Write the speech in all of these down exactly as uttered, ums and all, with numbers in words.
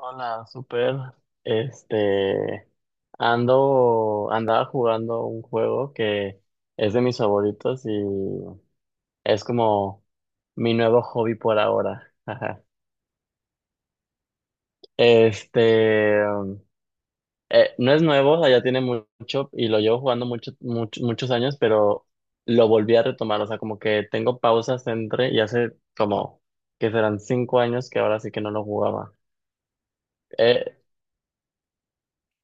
Hola, super. Este, ando, andaba jugando un juego que es de mis favoritos y es como mi nuevo hobby por ahora. Ajá. Este, eh, no es nuevo, o sea, ya tiene mu- mucho y lo llevo jugando mucho, mucho- muchos años, pero lo volví a retomar. O sea, como que tengo pausas entre y hace como que serán cinco años que ahora sí que no lo jugaba. Eh,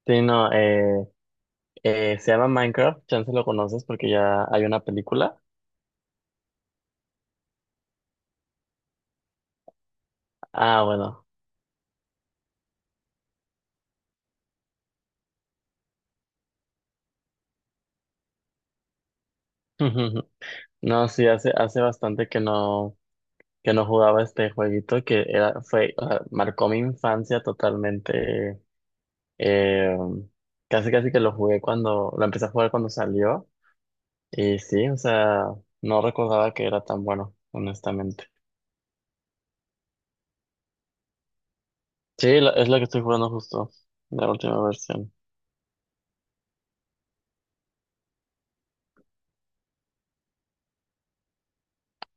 sí, no, eh. Eh, se llama Minecraft, chance lo conoces porque ya hay una película. Ah, bueno. No, sí, hace, hace bastante que no, que no jugaba este jueguito que era, fue, o sea, marcó mi infancia totalmente. eh, casi casi que lo jugué cuando, lo empecé a jugar cuando salió. Y sí, o sea, no recordaba que era tan bueno, honestamente. Sí, lo- es lo que estoy jugando justo, la última versión.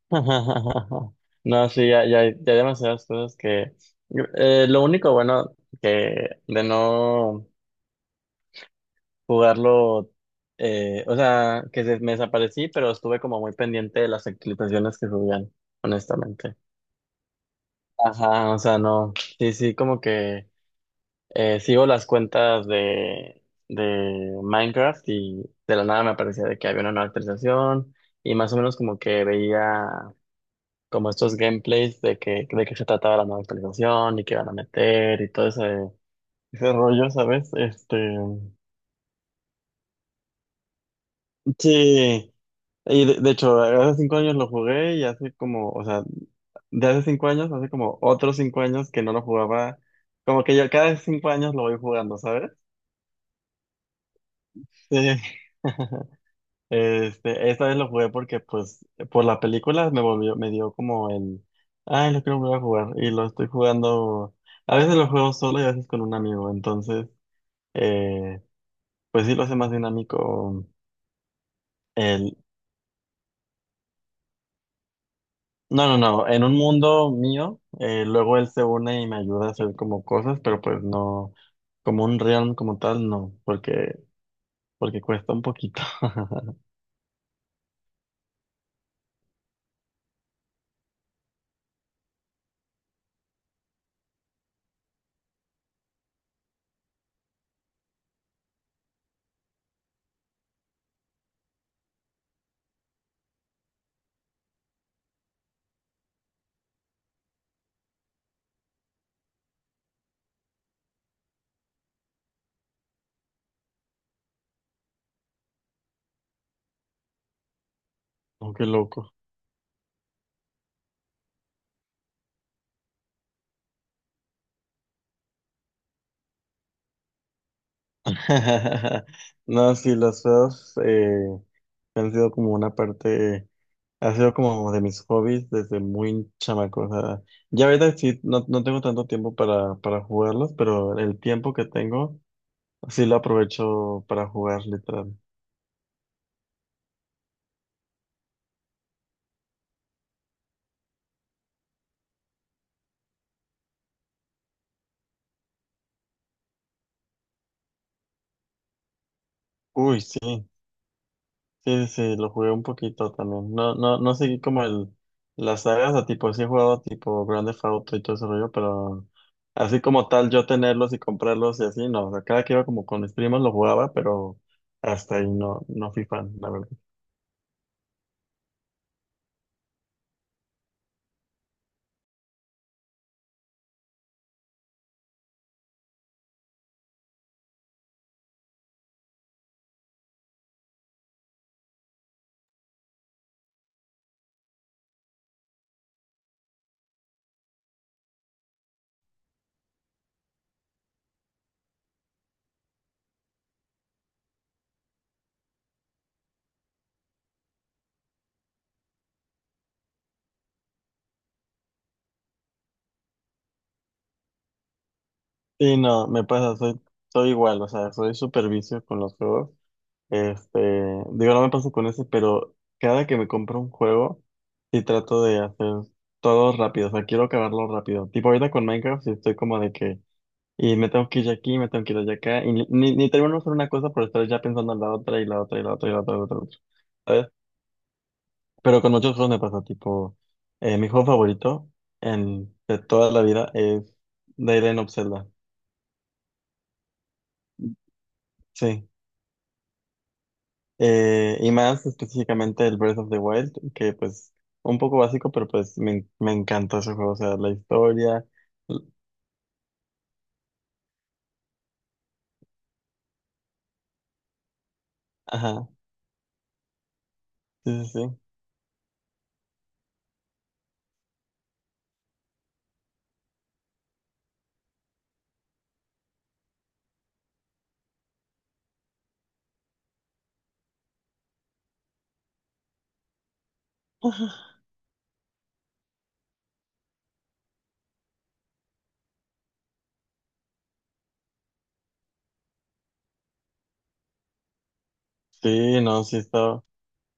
No, sí, ya, ya, ya hay demasiadas cosas que... eh, lo único bueno que de no jugarlo, eh, o sea, que se- me desaparecí, pero estuve como muy pendiente de las actualizaciones que subían, honestamente. Ajá, o sea, no, sí, sí, como que eh, sigo las cuentas de, de Minecraft y de la nada me aparecía de que había una nueva actualización y más o menos como que veía... como estos gameplays de que, de qué se trataba la nueva actualización y qué van a meter y todo ese, ese rollo, ¿sabes? Este, sí, y de, de hecho, hace cinco años lo jugué y hace como, o sea, de hace cinco años, hace como otros cinco años que no lo jugaba, como que yo cada cinco años lo voy jugando, ¿sabes? Sí. Este, esta vez lo jugué porque, pues, por la película me volvió, me dio como el, ay, lo quiero volver a jugar. Y lo estoy jugando, a veces lo juego solo y a veces con un amigo. Entonces, eh, pues sí lo hace más dinámico el, no, no, no, en un mundo mío, eh, luego él se une y me ayuda a hacer como cosas, pero pues no, como un realm como tal, no, porque, porque cuesta un poquito. Oh, qué loco. No, sí, los feos, han sido como una parte, ha sido como de mis hobbies desde muy chamaco. O sea, ya ahorita sí, no, no tengo tanto tiempo para, para jugarlos, pero el tiempo que tengo sí lo aprovecho para jugar, literal. Uy, sí, sí, sí, sí, lo jugué un poquito también. No, no, no seguí como el, las sagas, o tipo, sí he jugado tipo Grand Theft Auto y todo ese rollo, pero así como tal, yo tenerlos y comprarlos y así, no. O sea, cada que iba como con mis primos lo jugaba, pero hasta ahí no, no fui fan, la verdad. Sí, no, me pasa, soy, soy igual, o sea, soy súper vicio con los juegos. Este, digo, no me pasa con ese, pero cada que me compro un juego, sí trato de hacer todo rápido, o sea, quiero acabarlo rápido. Tipo ahorita con Minecraft, sí estoy como de que, y me tengo que ir aquí, me tengo que ir allá acá, y ni, ni ni termino de hacer una cosa por estar ya pensando en la otra, y la otra, y la otra, y la otra, y la otra, y la otra, ¿sabes? Pero con muchos juegos me pasa, tipo, eh, mi juego favorito en, de toda la vida es The Legend of Zelda. Sí. Eh, y más específicamente el Breath of the Wild, que pues un poco básico, pero pues me, en- me encantó ese juego, o sea, la historia. l- Ajá, sí, sí, sí. Sí, no, sí estaba,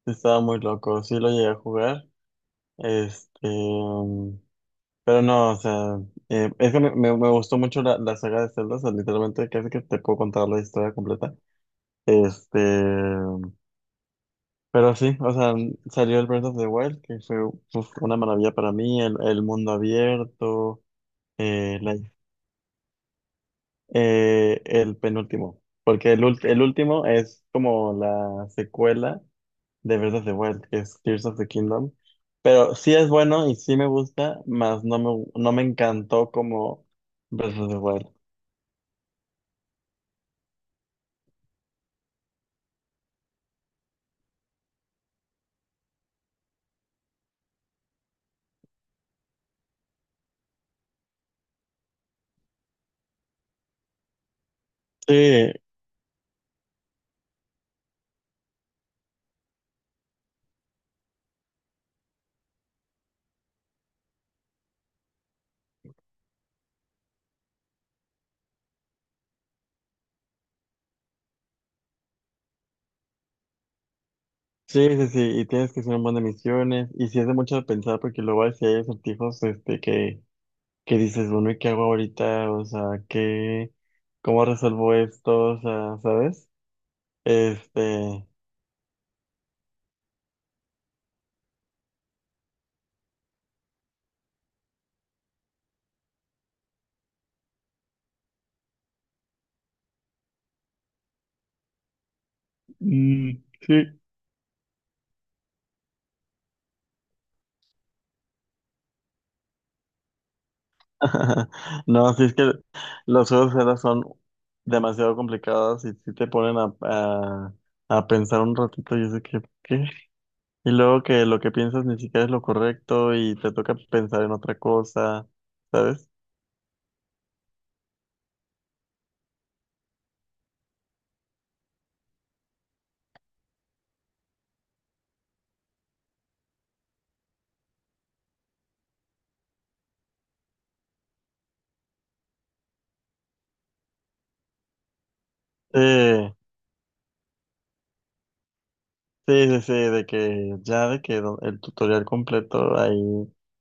sí estaba muy loco, sí lo llegué a jugar, este, mm, pero no, o sea, eh, es que me, me- me gustó mucho la, la saga de Zelda, o sea, literalmente casi que te puedo contar la historia completa, este, pero sí, o sea, salió el Breath of the Wild, que fue uf, una maravilla para mí, el, el mundo abierto, eh, la- eh, el penúltimo, porque el, ult- el último es como la secuela de Breath of the Wild, que es Tears of the Kingdom, pero sí es bueno y sí me gusta, mas no me, no me encantó como Breath of the Wild. Sí, sí, sí, sí, y tienes que hacer un montón de misiones, y sí es de mucho de pensar, porque luego hay- sí hay acertijos este, que que dices, bueno, ¿y qué hago ahorita? O sea, ¿qué, cómo resuelvo esto? O sea, ¿sabes? Este, mm, sí. No, sí es que los juegos de celda son demasiado complicados y sí te ponen a, a, a pensar un ratito y sé que, ¿qué? Y luego que lo que piensas ni siquiera es lo correcto y te toca pensar en otra cosa, ¿sabes? Sí, Sí, sí, sí, de que ya de que do- el tutorial completo ahí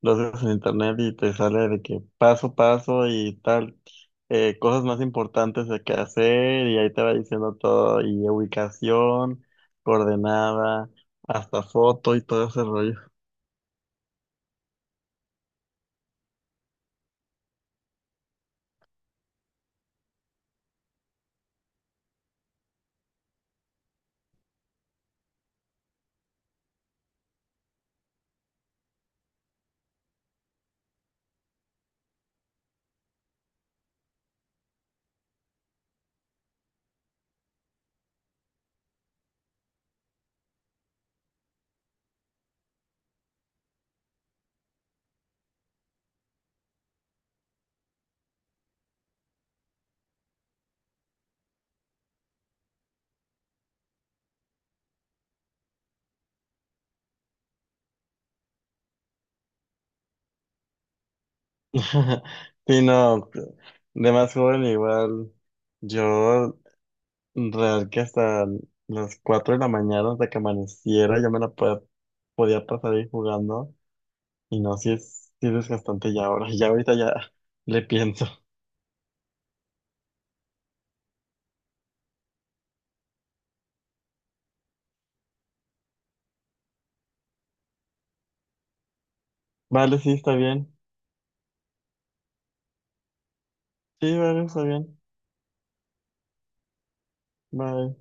lo haces en internet y te sale de que paso a paso y tal, eh, cosas más importantes de qué hacer y ahí te va diciendo todo y ubicación, coordenada, hasta foto y todo ese rollo. Sí, no, de más joven igual, yo real que hasta las cuatro de la mañana hasta que amaneciera yo me la podía, podía pasar ahí jugando. Y no, si es, si es desgastante ya ahora. Ya ahorita ya le pienso. Vale, sí, está bien. Sí, vale, está bien. Bye.